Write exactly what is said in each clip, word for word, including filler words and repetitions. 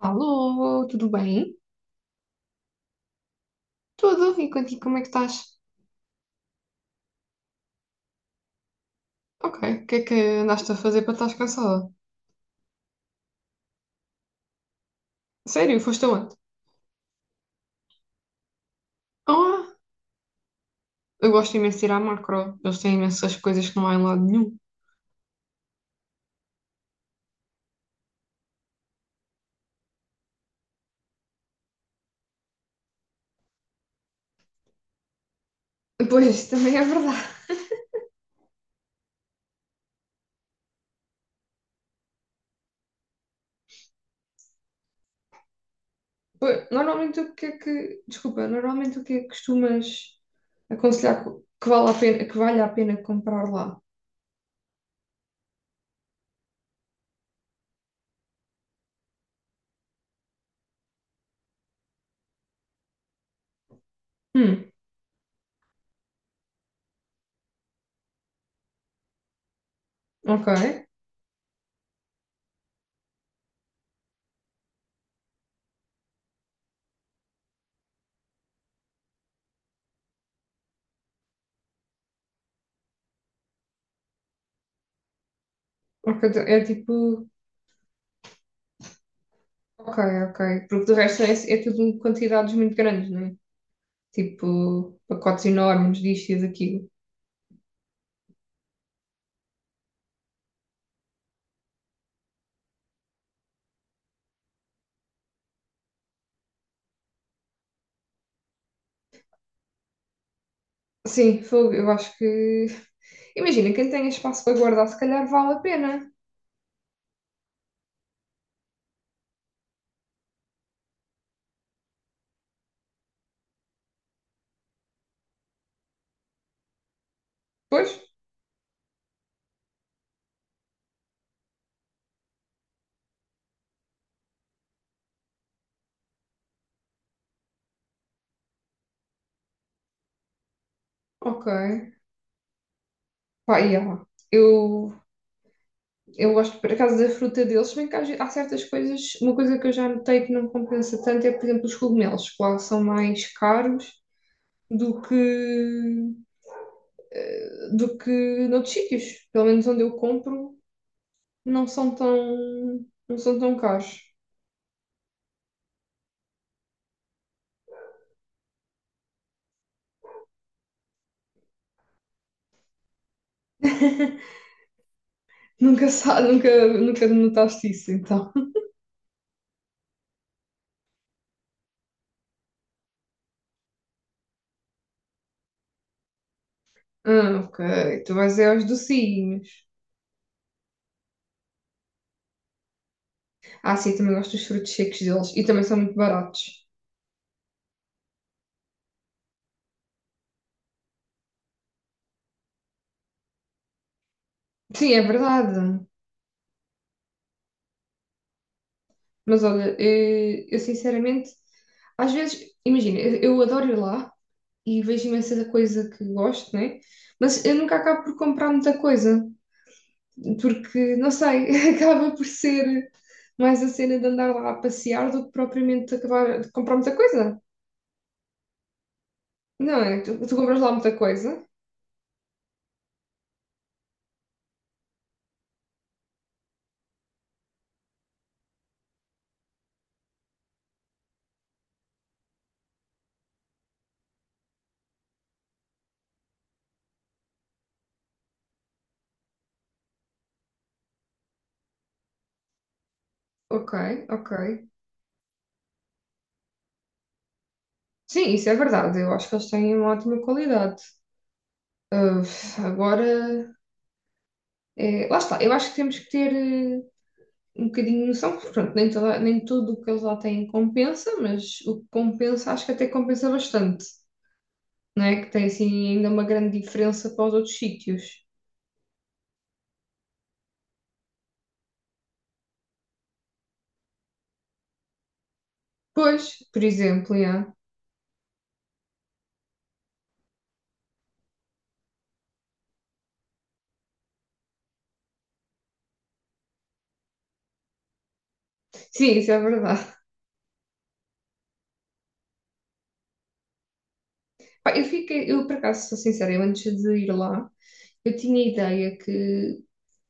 Alô, tudo bem? Tudo, e contigo como é que estás? Ok, o que é que andaste a fazer para estar cansada? Sério, foste aonde? Ah, eu gosto imenso de ir à macro, eles têm imensas coisas que não há em lado nenhum. Pois, também é verdade. Pois, normalmente o que é que, desculpa, normalmente o que é que costumas aconselhar co- que vale a pena, que vale a pena comprar lá? Hum, ok, ok, então é tipo, ok, ok, porque do resto é, é tudo quantidades muito grandes, não é? Tipo, pacotes enormes disto e daquilo. Sim, fogo, eu acho que. Imagina, quem tem espaço para guardar, se calhar vale a pena. Pois? Ok. Pá, e yeah. Eu, eu gosto, por acaso, da fruta deles, se bem que às ve- há certas coisas. Uma coisa que eu já notei que não compensa tanto é, por exemplo, os cogumelos, que lá são mais caros do que. eh, do que noutros sítios. Pelo menos onde eu compro, não são tão, não são tão caros. Nunca, sa- nunca, nunca notaste isso, então. Ah, ok. Tu vais é aos docinhos. Ah, sim, eu também gosto dos frutos secos deles. E também são muito baratos. Sim, é verdade. Mas olha, eh, eu, sinceramente, às vezes, imagina, eu, eu adoro ir lá e vejo imensa coisa que gosto, né? Mas eu nunca acabo por comprar muita coisa. Porque, não sei, acaba por ser mais a cena de andar lá a passear do que propriamente acabar de comprar muita coisa. Não é? Tu, tu compras lá muita coisa. Ok, ok. Sim, isso é verdade. Eu acho que eles têm uma ótima qualidade. Ah, agora, é, lá está. Eu acho que temos que ter eh, um bocadinho de noção, porque pronto, nem, toda- nem tudo o que eles lá têm compensa, mas o que compensa, acho que até compensa bastante. Não é? Que tem assim ainda uma grande diferença para os outros sítios. Pois, por exemplo, yeah. Sim, isso é verdade. Pá, eu fiquei, eu por acaso, sou sincera, eu antes de ir lá, eu tinha a ideia que,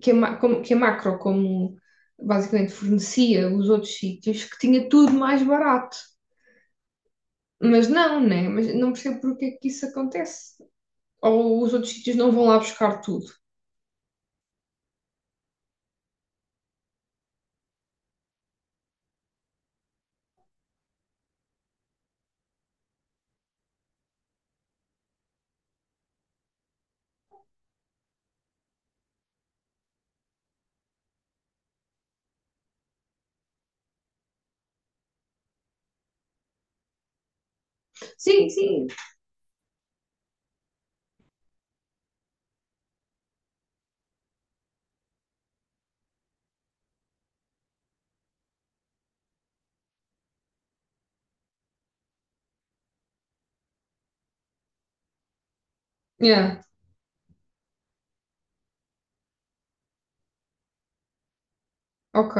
que, a, Ma- como- que a Macro, como basicamente fornecia os outros sítios, que tinha tudo mais barato. Mas não, né? Mas não percebo porque é que isso acontece. Ou os outros sítios não vão lá buscar tudo. Sim, sim. Yeah, ok.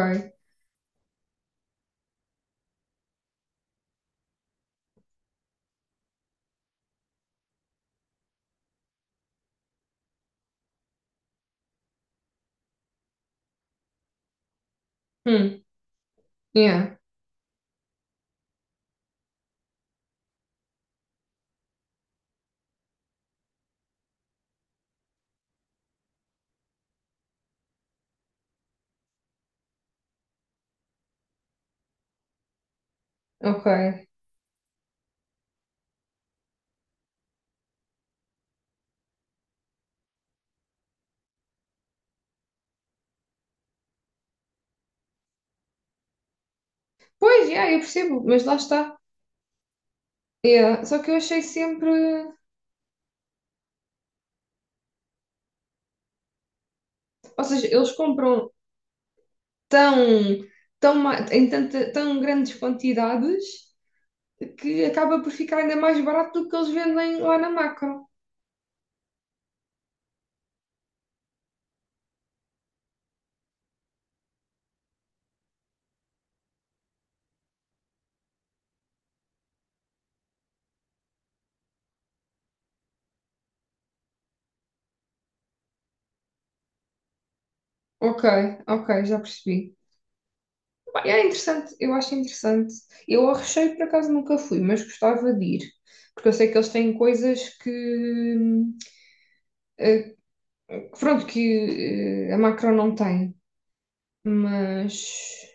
Hum, yeah, ok. Pois, yeah, eu percebo, mas lá está. Yeah. Só que eu achei sempre. Ou seja, eles compram tão, tão, ma- em tanta, tão grandes quantidades que acaba por ficar ainda mais barato do que eles vendem lá na macro. Ok, ok, já percebi. Bem, é interessante, eu acho interessante. Eu ao recheio por acaso nunca fui, mas gostava de ir. Porque eu sei que eles têm coisas que, eh, pronto, que eh, a macro não tem. Mas.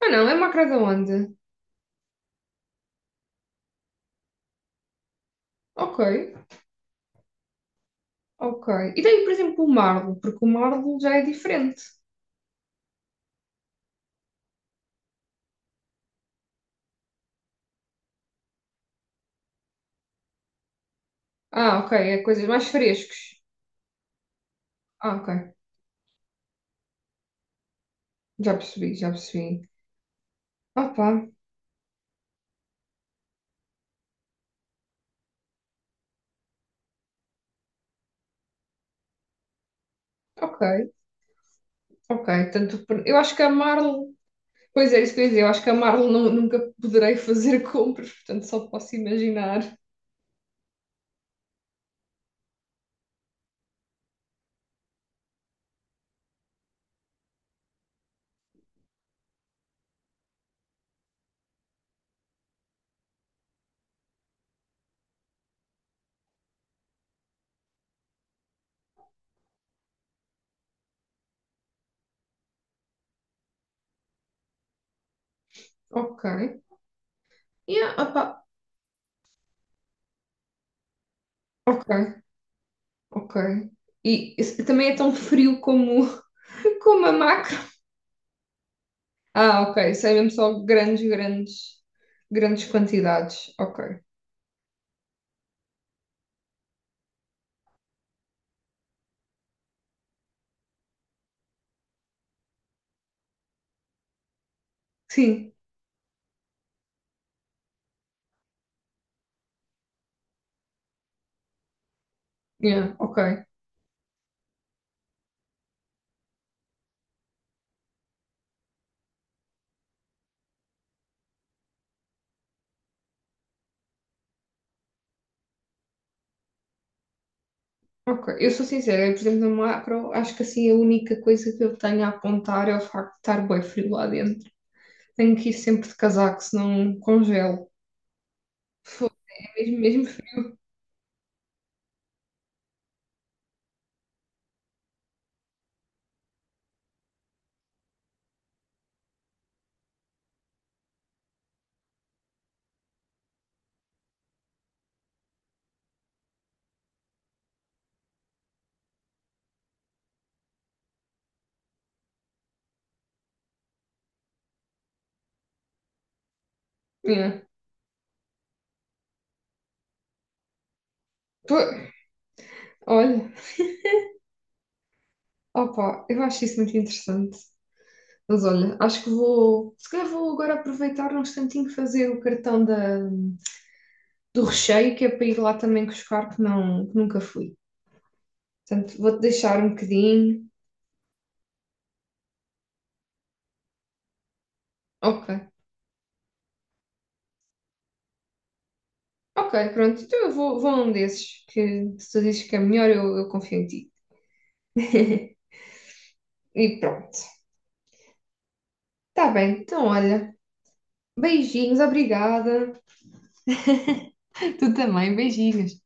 Ah, não, é macro da onde? Ok, ok. E tem, por exemplo, o Marlo, porque o Marlo já é diferente. Ah, ok, é coisas mais frescos. Ah, ok, já percebi, já percebi. Opa, ok, ok. Tanto, por- eu acho que a Marlo, pois é, isso que eu ia dizer, eu acho que a Marlo nu- nunca poderei fazer compras, portanto só posso imaginar. Ok, yeah, opa, ok, ok. E esse- também é tão frio como, como a macro. Ah, ok, isso é mesmo só grandes, grandes, grandes quantidades. Ok, sim, yeah, ok. Ok, eu sou sincera, eu, por exemplo, no macro, acho que assim a única coisa que eu tenho a apontar é o facto de estar bem frio lá dentro. Tenho que ir sempre de casaco, senão congelo. Foi mesmo, mesmo frio. É. Pô, olha, opa, eu acho isso muito interessante. Mas olha, acho que vou, se calhar vou agora aproveitar um instantinho fazer o cartão da, do recheio, que é para ir lá também buscar, que, não, que nunca fui. Portanto, vou-te deixar um bocadinho. Ok. Ok, pronto, então eu vou, vou num desses que se tu dizes que é melhor, eu, eu confio em ti. E pronto. Tá bem, então olha, beijinhos, obrigada. Tu também, beijinhos.